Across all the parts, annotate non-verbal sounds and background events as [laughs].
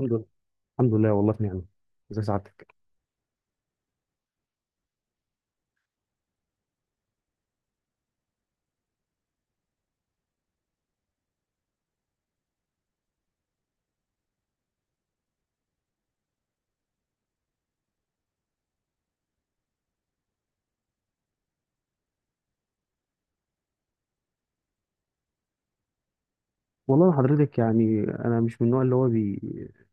الحمد لله، الحمد لله، والله في نعمة. ازي سعادتك؟ والله أنا حضرتك، يعني انا مش من النوع اللي هو بي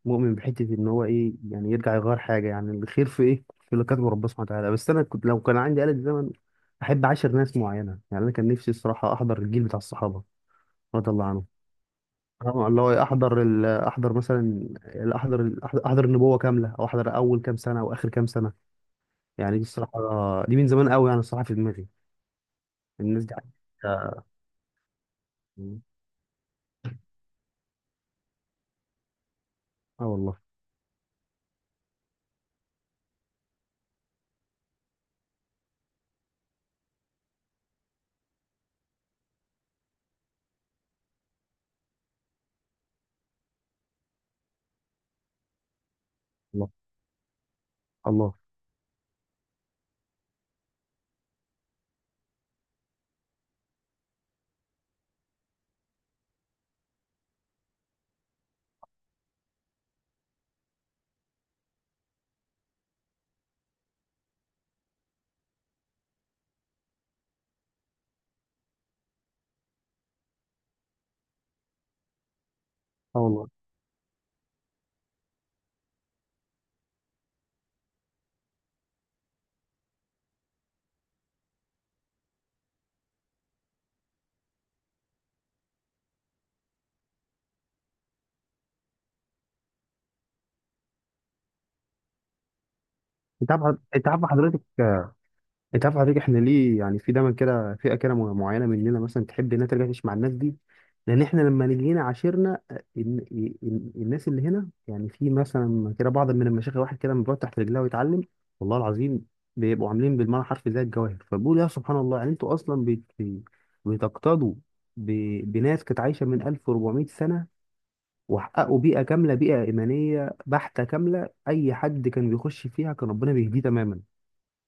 مؤمن بحتة، ان هو ايه يعني يرجع يغير حاجة، يعني الخير في ايه، في اللي كاتبه ربنا سبحانه وتعالى. بس انا كنت لو كان عندي آلة زمن احب عاشر ناس معينة. يعني انا كان نفسي الصراحة احضر الجيل بتاع الصحابة رضي الله عنهم. آه، اللي هو إيه، احضر ال- احضر مثلا، ال- احضر ال- احضر أحضر النبوة كاملة، او احضر اول كام سنة واخر كام سنة. يعني دي الصراحة، دي من زمان قوي يعني الصراحة في دماغي. الناس دي عايشة- اه والله. الله. الله. اه والله. انت عارف انت عارف حضرتك انت عارف حضرتك، احنا ليه يعني في دايما كده فئه كده معينه مننا مثلا تحب انها ترجع تعيش مع الناس دي؟ لان احنا لما نيجي هنا عاشرنا الناس اللي هنا، يعني في مثلا كده بعض من المشايخ واحد كده من بيقعد تحت رجلها ويتعلم. والله العظيم بيبقوا عاملين بالمعنى حرفي زي الجواهر. فبقول يا سبحان الله، يعني انتوا اصلا بتقتدوا بناس كانت عايشه من 1400 سنه، وحققوا بيئه كامله، بيئه ايمانيه بحته كامله. اي حد كان بيخش فيها كان ربنا بيهديه تماما.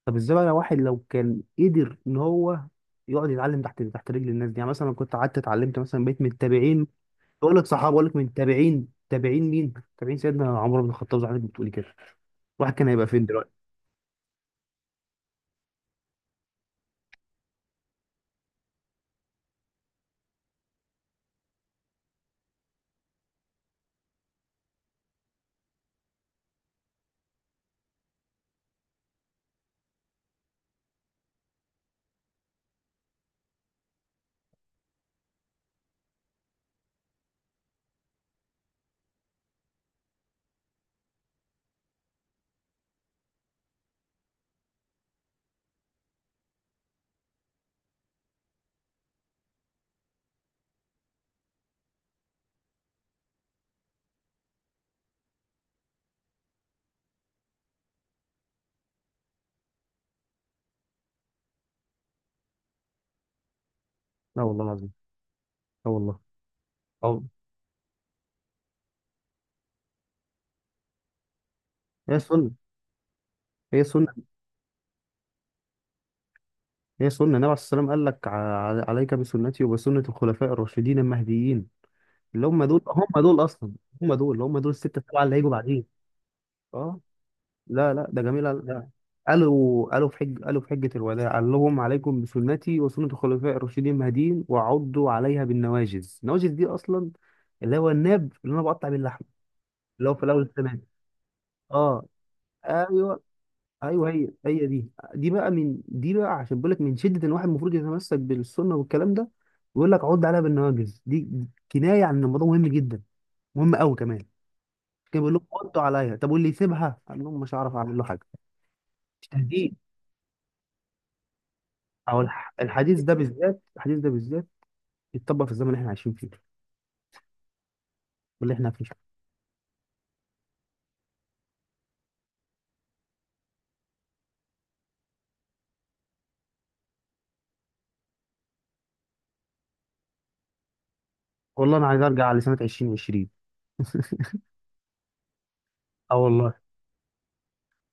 طب ازاي بقى واحد لو كان قدر ان هو يقعد يتعلم تحت تحت رجل الناس دي؟ يعني مثلا لو كنت قعدت اتعلمت مثلا بقيت من تابعين، بقول لك صحابه، بقول لك من تابعين، تابعين مين؟ تابعين سيدنا عمر بن الخطاب زي ما حضرتك بتقولي كده. الواحد كان هيبقى فين دلوقتي؟ لا والله العظيم. لا والله. أو هي سنة هي سنة هي سنة النبي عليه السلام. قال لك عليك بسنتي وبسنة الخلفاء الراشدين المهديين، اللي هم دول، اصلا، هم دول الستة السبعة اللي هيجوا بعدين. اه. لا لا، ده جميل. ده قالوا في حجة الوداع، قال لهم: عليكم بسنتي وسنة الخلفاء الراشدين المهديين وعضوا عليها بالنواجذ. النواجذ دي أصلا اللي هو الناب اللي أنا بقطع بيه اللحم، اللي هو في الأول التمام. اه. ايوه. ايوه، هي هي دي. دي بقى، من دي بقى عشان بقول لك من شدة ان واحد المفروض يتمسك بالسنة. والكلام ده بيقول لك عض عليها بالنواجذ. دي كناية عن إن الموضوع مهم جدا، مهم قوي كمان. كان بيقول لهم عضوا عليها. طب واللي يسيبها؟ قال لهم مش هعرف اعمل له حاجة. مش تهديد. او الحديث ده بالذات، الحديث ده بالذات يتطبق في الزمن اللي احنا عايشين فيه، واللي احنا فيه. والله انا عايز ارجع لسنه 2020. [laughs] اه والله،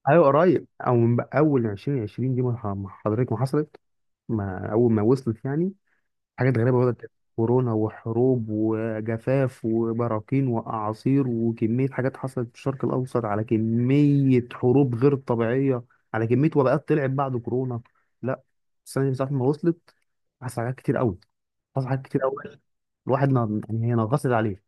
ايوه قريب. او من بقى اول 2020 دي، ما حضرتك ما حصلت، ما اول ما وصلت يعني حاجات غريبه بدات تحصل. كورونا وحروب وجفاف وبراكين واعاصير وكميه حاجات حصلت في الشرق الاوسط، على كميه حروب غير طبيعيه، على كميه وباءات طلعت بعد كورونا. لا، السنه دي من ساعه ما وصلت حصل حاجات كتير قوي حصل حاجات كتير قوي. الواحد يعني هي نغصت عليه.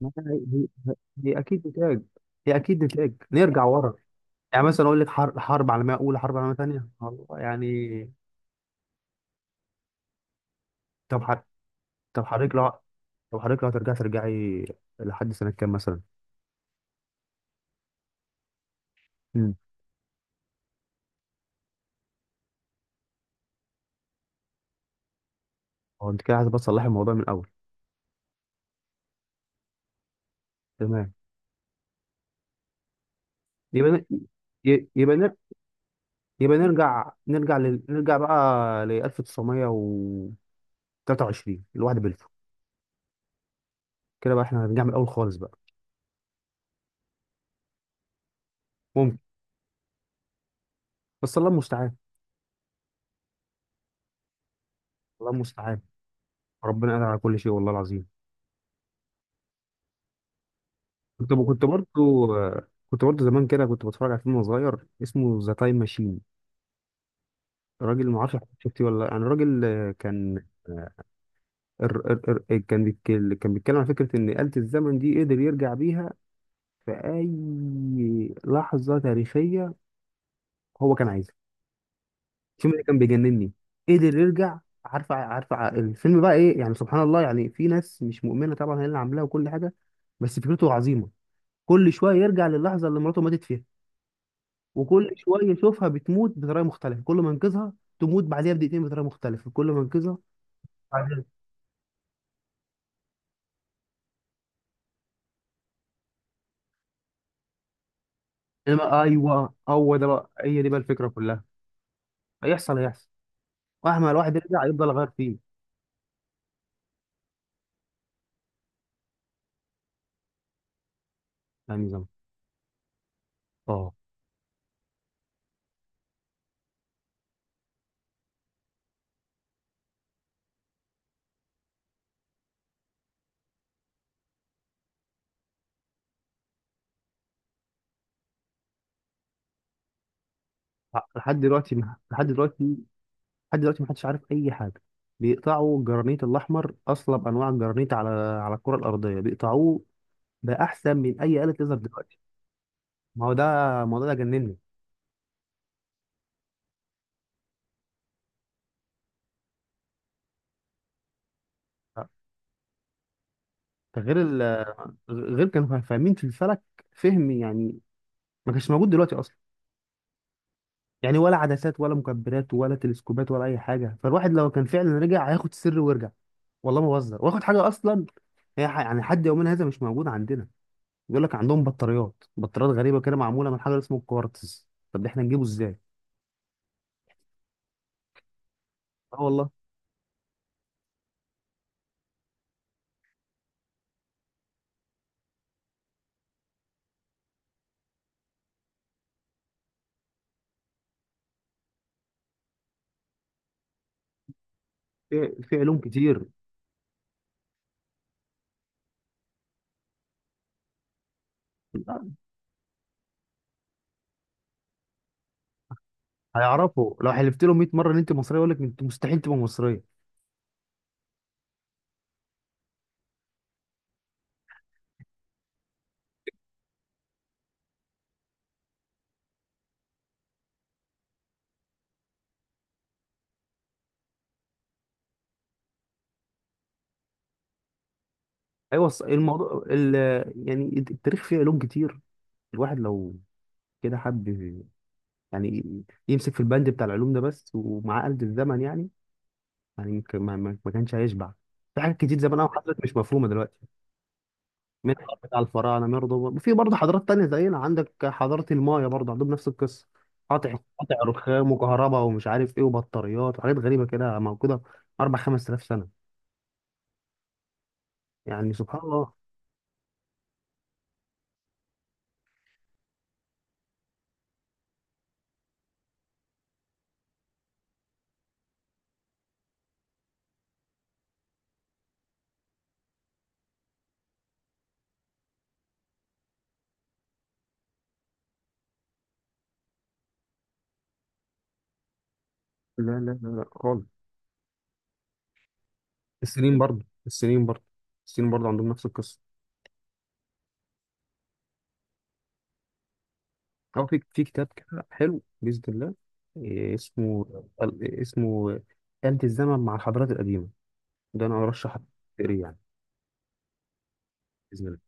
ما هي... هي... هي اكيد نتاج، نرجع [laughs] ورا. يعني مثلا اقول لك حرب، حرب عالميه اولى، حرب عالميه ثانيه، والله يعني. طب حر... طب حضرتك لو طب حضرتك لو هترجعي، ترجعي لحد سنه كام مثلا؟ امم هو انت كده عايز بس تصلحي الموضوع من الاول. تمام. يبقى ن... ي- يبقى نر... يبقى نرجع، نرجع بقى ل 1923. الواحد بلفو كده. بقى احنا هنرجع من الاول خالص بقى. ممكن. بس الله المستعان. الله المستعان. ربنا قادر على كل شيء، والله العظيم. كنت كنت برضو كنت برضو زمان كده كنت بتفرج على فيلم صغير اسمه ذا تايم ماشين. راجل، ما اعرفش شفتيه ولا لأ. يعني راجل، آه، كان ار ار ار كان بيتكلم على فكرة ان آلة الزمن دي قدر يرجع بيها في اي لحظة تاريخية هو كان عايزها. الفيلم ده كان بيجنني. قدر يرجع، الفيلم بقى ايه يعني. سبحان الله يعني، في ناس مش مؤمنة طبعا هي اللي عاملاه وكل حاجة، بس فكرته عظيمة. كل شويه يرجع للحظه اللي مراته ماتت فيها، وكل شويه يشوفها بتموت بطريقه مختلفه. كل ما ينقذها تموت بعديها بدقيقتين بطريقه مختلفه، كل ما ينقذها بعديها. انما ايوه هو ده بقى، هي دي بقى الفكره كلها. هيحصل هيحصل، مهما الواحد يرجع يفضل يغير فيه. يعني زمان. اه. لحد دلوقتي ما- لحد دلوقتي، لحد دلوقتي محدش عارف اي حاجه. بيقطعوا الجرانيت الاحمر، اصلب انواع الجرانيت، على على الكره الارضيه، بيقطعوه بقى احسن من اي آلة ليزر دلوقتي. ما هو ده الموضوع، ده اللي جنني. ده غير غير كانوا فاهمين في الفلك فهم، يعني ما كانش موجود دلوقتي اصلا. يعني ولا عدسات ولا مكبرات ولا تلسكوبات ولا اي حاجه. فالواحد لو كان فعلا رجع هياخد سر ويرجع. والله ما بهزر، واخد حاجه اصلا يعني لحد يومنا هذا مش موجود عندنا. بيقول لك عندهم بطاريات، بطاريات غريبه كده معموله من حاجه اسمه الكوارتز. طب ده احنا نجيبه ازاي؟ اه والله. في علوم كتير. هيعرفوا لو حلفت لهم 100 مره ان انت مصريه يقول لك انت مستحيل تبقى مصريه. ايوه، يعني التاريخ فيه علوم كتير. الواحد لو كده حب يعني يمسك في البند بتاع العلوم ده بس ومع آلة الزمن، يعني يعني يمكن ما كانش هيشبع. في حاجات كتير زمان قوي حصلت مش مفهومه دلوقتي، منها بتاع الفراعنه برضه، وفي برضه حضارات تانية زينا. عندك حضاره المايا برضه عندهم نفس القصه. قطع قطع رخام وكهرباء ومش عارف ايه وبطاريات وحاجات غريبه كده موجوده اربع خمس آلاف سنه. يعني سبحان الله. لا لا لا لا خالص. السنين برضه السنين برضه السنين برضه عندهم نفس القصه. أو في كتاب كده حلو بإذن الله. إيه اسمه؟ اسمه آلة الزمن مع الحضارات القديمة. ده أنا أرشح تقريه يعني. بإذن الله.